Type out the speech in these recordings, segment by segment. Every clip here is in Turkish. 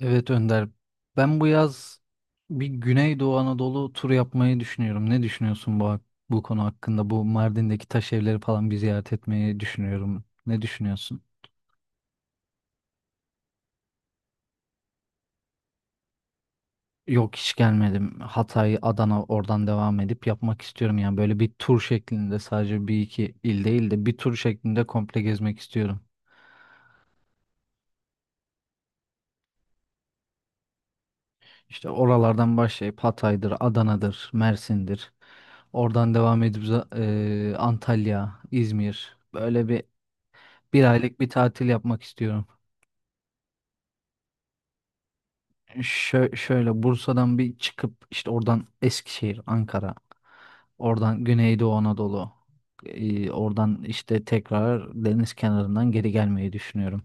Evet Önder. Ben bu yaz bir Güneydoğu Anadolu turu yapmayı düşünüyorum. Ne düşünüyorsun bu bu konu hakkında? Bu Mardin'deki taş evleri falan bir ziyaret etmeyi düşünüyorum. Ne düşünüyorsun? Yok hiç gelmedim. Hatay, Adana oradan devam edip yapmak istiyorum. Yani böyle bir tur şeklinde sadece bir iki il değil de bir tur şeklinde komple gezmek istiyorum. İşte oralardan başlayıp Hatay'dır, Adana'dır, Mersin'dir. Oradan devam edip Antalya, İzmir. Böyle bir Bir aylık bir tatil yapmak istiyorum. Şöyle Bursa'dan bir çıkıp işte oradan Eskişehir, Ankara, oradan Güneydoğu Anadolu, oradan işte tekrar deniz kenarından geri gelmeyi düşünüyorum.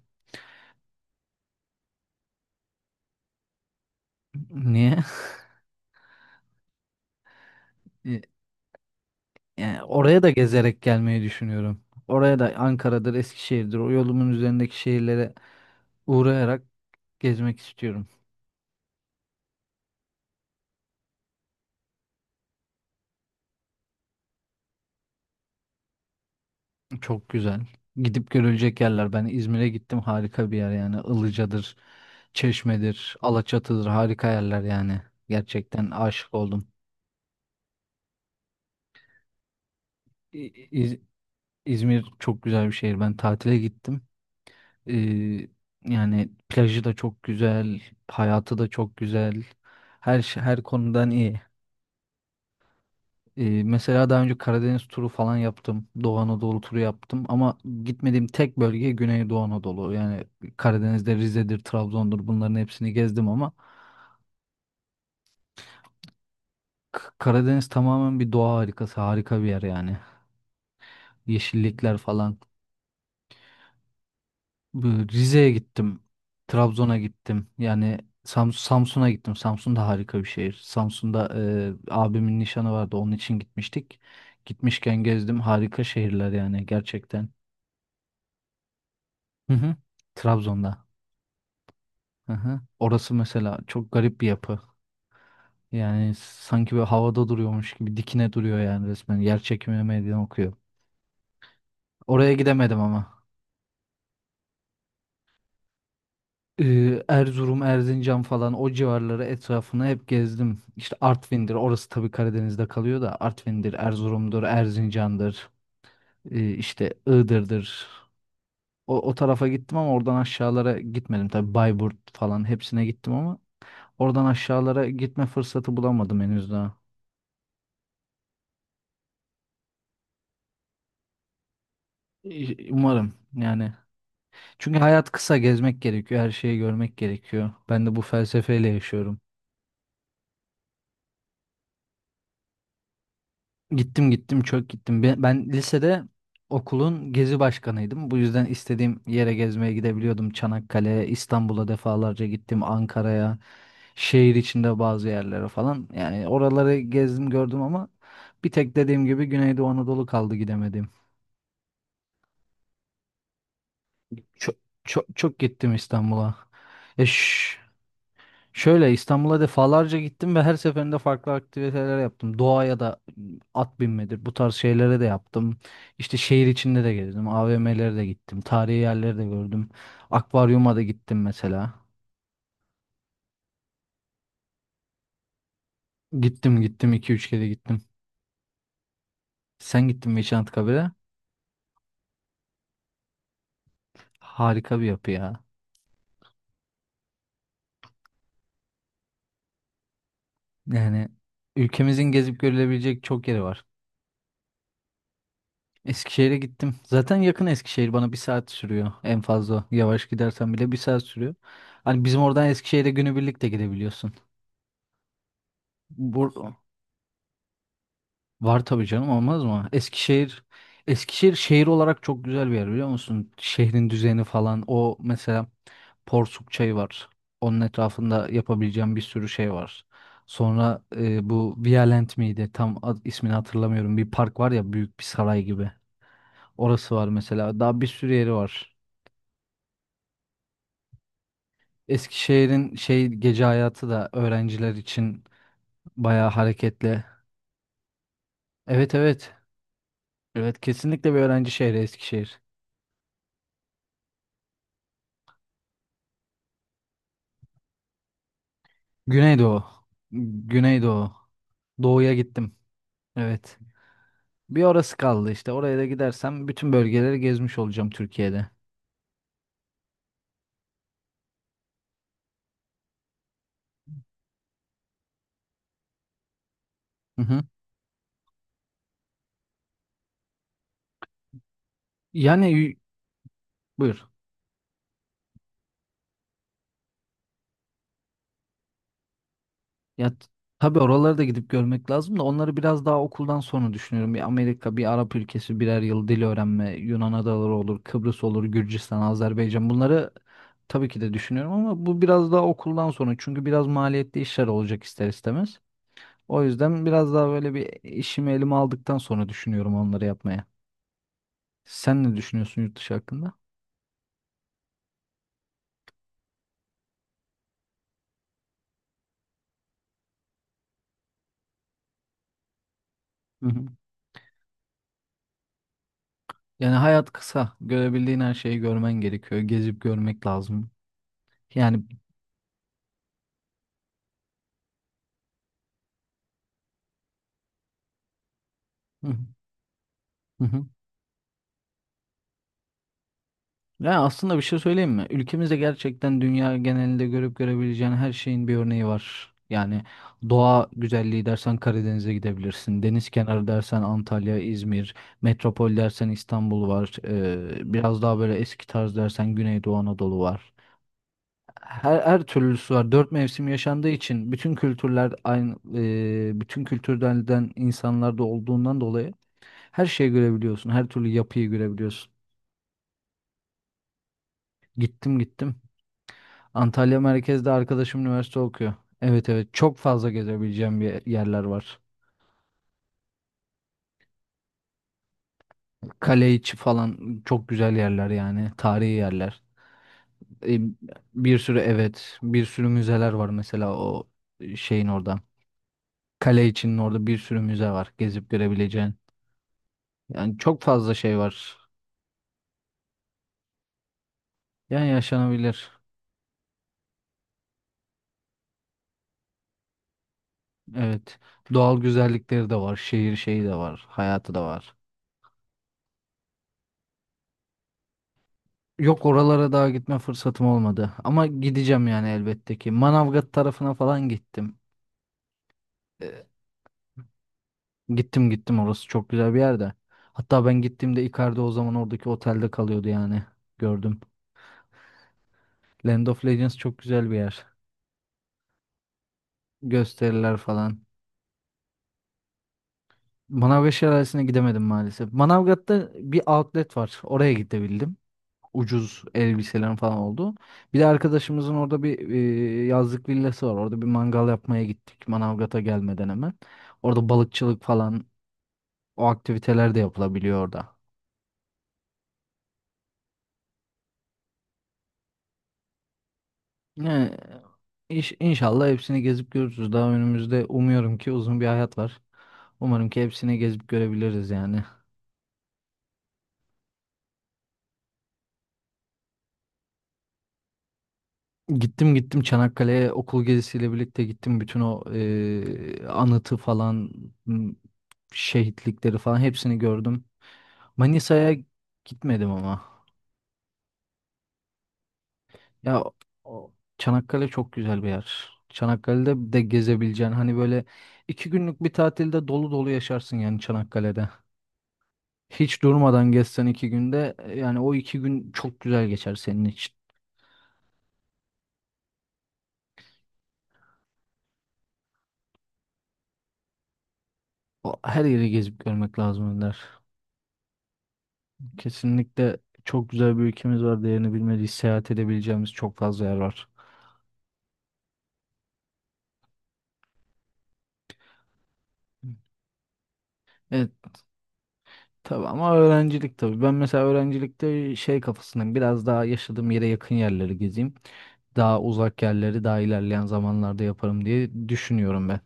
Niye? E, Yani oraya da gezerek gelmeyi düşünüyorum. Oraya da Ankara'dır, Eskişehir'dir, o yolumun üzerindeki şehirlere uğrayarak gezmek istiyorum. Çok güzel. Gidip görülecek yerler. Ben İzmir'e gittim harika bir yer yani Ilıca'dır. Çeşme'dir, Alaçatı'dır harika yerler yani. Gerçekten aşık oldum. İ- İz- İzmir çok güzel bir şehir. Ben tatile gittim. Ee, yani plajı da çok güzel, hayatı da çok güzel. Her konudan iyi. Mesela daha önce Karadeniz turu falan yaptım. Doğu Anadolu turu yaptım ama gitmediğim tek bölge Güneydoğu Anadolu. Yani Karadeniz'de Rize'dir, Trabzon'dur bunların hepsini gezdim ama Karadeniz tamamen bir doğa harikası, harika bir yer yani. Yeşillikler falan. Bu Rize'ye gittim. Trabzon'a gittim. Yani Samsun'a gittim. Samsun da harika bir şehir. Samsun'da abimin nişanı vardı. Onun için gitmiştik. Gitmişken gezdim. Harika şehirler yani gerçekten. Hı hı. Trabzon'da. Hı hı. Orası mesela çok garip bir yapı. Yani sanki böyle havada duruyormuş gibi dikine duruyor yani resmen. Yer çekimi meydan okuyor. Oraya gidemedim ama. Erzurum, Erzincan falan o civarları etrafını hep gezdim. İşte Artvin'dir, orası tabii Karadeniz'de kalıyor da Artvin'dir, Erzurum'dur, Erzincan'dır, işte Iğdır'dır. O tarafa gittim ama oradan aşağılara gitmedim. Tabii Bayburt falan hepsine gittim ama oradan aşağılara gitme fırsatı bulamadım henüz daha. Umarım yani. Çünkü hayat kısa, gezmek gerekiyor, her şeyi görmek gerekiyor. Ben de bu felsefeyle yaşıyorum. Gittim gittim çok gittim. Ben lisede okulun gezi başkanıydım. Bu yüzden istediğim yere gezmeye gidebiliyordum. Çanakkale'ye, İstanbul'a defalarca gittim. Ankara'ya, şehir içinde bazı yerlere falan. Yani oraları gezdim gördüm ama bir tek dediğim gibi Güneydoğu Anadolu kaldı gidemedim. Çok, çok, çok gittim İstanbul'a. Ya Şöyle İstanbul'a defalarca gittim ve her seferinde farklı aktiviteler yaptım. Doğaya da at binmedir bu tarz şeylere de yaptım. İşte şehir içinde de gezdim. AVM'lere de gittim. Tarihi yerleri de gördüm. Akvaryuma da gittim mesela. Gittim gittim iki üç kere gittim. Sen gittin mi hiç Anıtkabir'e? Harika bir yapı ya. Yani ülkemizin gezip görülebilecek çok yeri var. Eskişehir'e gittim. Zaten yakın Eskişehir bana bir saat sürüyor en fazla. Yavaş gidersen bile bir saat sürüyor. Hani bizim oradan Eskişehir'e günübirlik de gidebiliyorsun. Bur Var tabii canım olmaz mı? Eskişehir şehir olarak çok güzel bir yer biliyor musun? Şehrin düzeni falan o mesela Porsuk Çayı var. Onun etrafında yapabileceğim bir sürü şey var. Sonra bu Violent miydi? Tam ismini hatırlamıyorum. Bir park var ya büyük bir saray gibi. Orası var mesela. Daha bir sürü yeri var. Eskişehir'in şey gece hayatı da öğrenciler için bayağı hareketli. Evet evet. Evet kesinlikle bir öğrenci şehri Eskişehir. Güneydoğu. Güneydoğu. Doğuya gittim. Evet. Bir orası kaldı işte. Oraya da gidersem bütün bölgeleri gezmiş olacağım Türkiye'de. Hı hı. Yani buyur. Ya t- tabii oraları da gidip görmek lazım da onları biraz daha okuldan sonra düşünüyorum. Bir Amerika, bir Arap ülkesi birer yıl dil öğrenme, Yunan adaları olur, Kıbrıs olur, Gürcistan, Azerbaycan bunları tabii ki de düşünüyorum ama bu biraz daha okuldan sonra çünkü biraz maliyetli işler olacak ister istemez. O yüzden biraz daha böyle bir işimi elime aldıktan sonra düşünüyorum onları yapmaya. Sen ne düşünüyorsun yurt dışı hakkında? Hı hı. Yani hayat kısa. Görebildiğin her şeyi görmen gerekiyor. Gezip görmek lazım. Yani Hı hı. Hı hı. Ya aslında bir şey söyleyeyim mi? Ülkemizde gerçekten dünya genelinde görüp görebileceğin her şeyin bir örneği var. Yani doğa güzelliği dersen Karadeniz'e gidebilirsin. Deniz kenarı dersen Antalya, İzmir. Metropol dersen İstanbul var. Biraz daha böyle eski tarz dersen Güneydoğu Anadolu var. Her türlüsü var. Dört mevsim yaşandığı için bütün kültürler aynı, bütün kültürlerden insanlar da olduğundan dolayı her şeyi görebiliyorsun. Her türlü yapıyı görebiliyorsun. Gittim gittim. Antalya merkezde arkadaşım üniversite okuyor. Evet evet çok fazla gezebileceğim bir yerler var. Kale içi falan çok güzel yerler yani tarihi yerler. E, bir sürü evet bir sürü müzeler var mesela o şeyin orada. Kale içinin orada bir sürü müze var gezip görebileceğin. Yani çok fazla şey var. Yani yaşanabilir. Evet. Doğal güzellikleri de var. Şehir şeyi de var. Hayatı da var. Yok oralara daha gitme fırsatım olmadı. Ama gideceğim yani elbette ki. Manavgat tarafına falan gittim. Ee, gittim gittim orası çok güzel bir yerde. Hatta ben gittiğimde Icardi o zaman oradaki otelde kalıyordu yani. Gördüm. Land of Legends çok güzel bir yer. Gösteriler falan. Manavgat Şelalesi'ne gidemedim maalesef. Manavgat'ta bir outlet var. Oraya gidebildim. Ucuz elbiselerin falan oldu. Bir de arkadaşımızın orada bir yazlık villası var. Orada bir mangal yapmaya gittik Manavgat'a gelmeden hemen. Orada balıkçılık falan o aktiviteler de yapılabiliyor orada. Yani inşallah hepsini gezip görürüz. Daha önümüzde umuyorum ki uzun bir hayat var. Umarım ki hepsini gezip görebiliriz yani. Gittim gittim Çanakkale'ye okul gezisiyle birlikte gittim. Bütün o anıtı falan m, şehitlikleri falan hepsini gördüm. Manisa'ya gitmedim ama. Ya Çanakkale çok güzel bir yer. Çanakkale'de de gezebileceğin hani böyle iki günlük bir tatilde dolu dolu yaşarsın yani Çanakkale'de. Hiç durmadan gezsen iki günde yani o iki gün çok güzel geçer senin için. Her yeri gezip görmek lazım Önder. Kesinlikle çok güzel bir ülkemiz var. Değerini bilmediği seyahat edebileceğimiz çok fazla yer var. Evet. Tabii ama öğrencilik tabii. Ben mesela öğrencilikte şey kafasındayım. Biraz daha yaşadığım yere yakın yerleri gezeyim. Daha uzak yerleri daha ilerleyen zamanlarda yaparım diye düşünüyorum ben.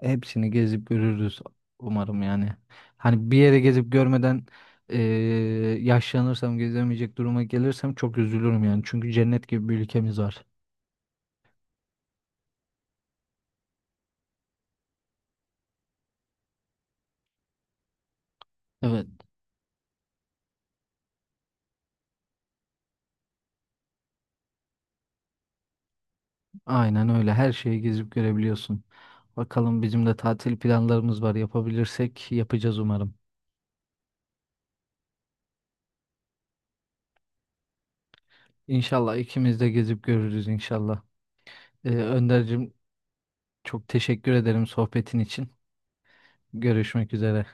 Hepsini gezip görürüz umarım yani. Hani bir yere gezip görmeden eee, yaşlanırsam gezemeyecek duruma gelirsem çok üzülürüm yani. Çünkü cennet gibi bir ülkemiz var. Evet, aynen öyle. Her şeyi gezip görebiliyorsun. Bakalım bizim de tatil planlarımız var. Yapabilirsek yapacağız umarım. İnşallah ikimiz de gezip görürüz inşallah. Önder'cim çok teşekkür ederim sohbetin için. Görüşmek üzere.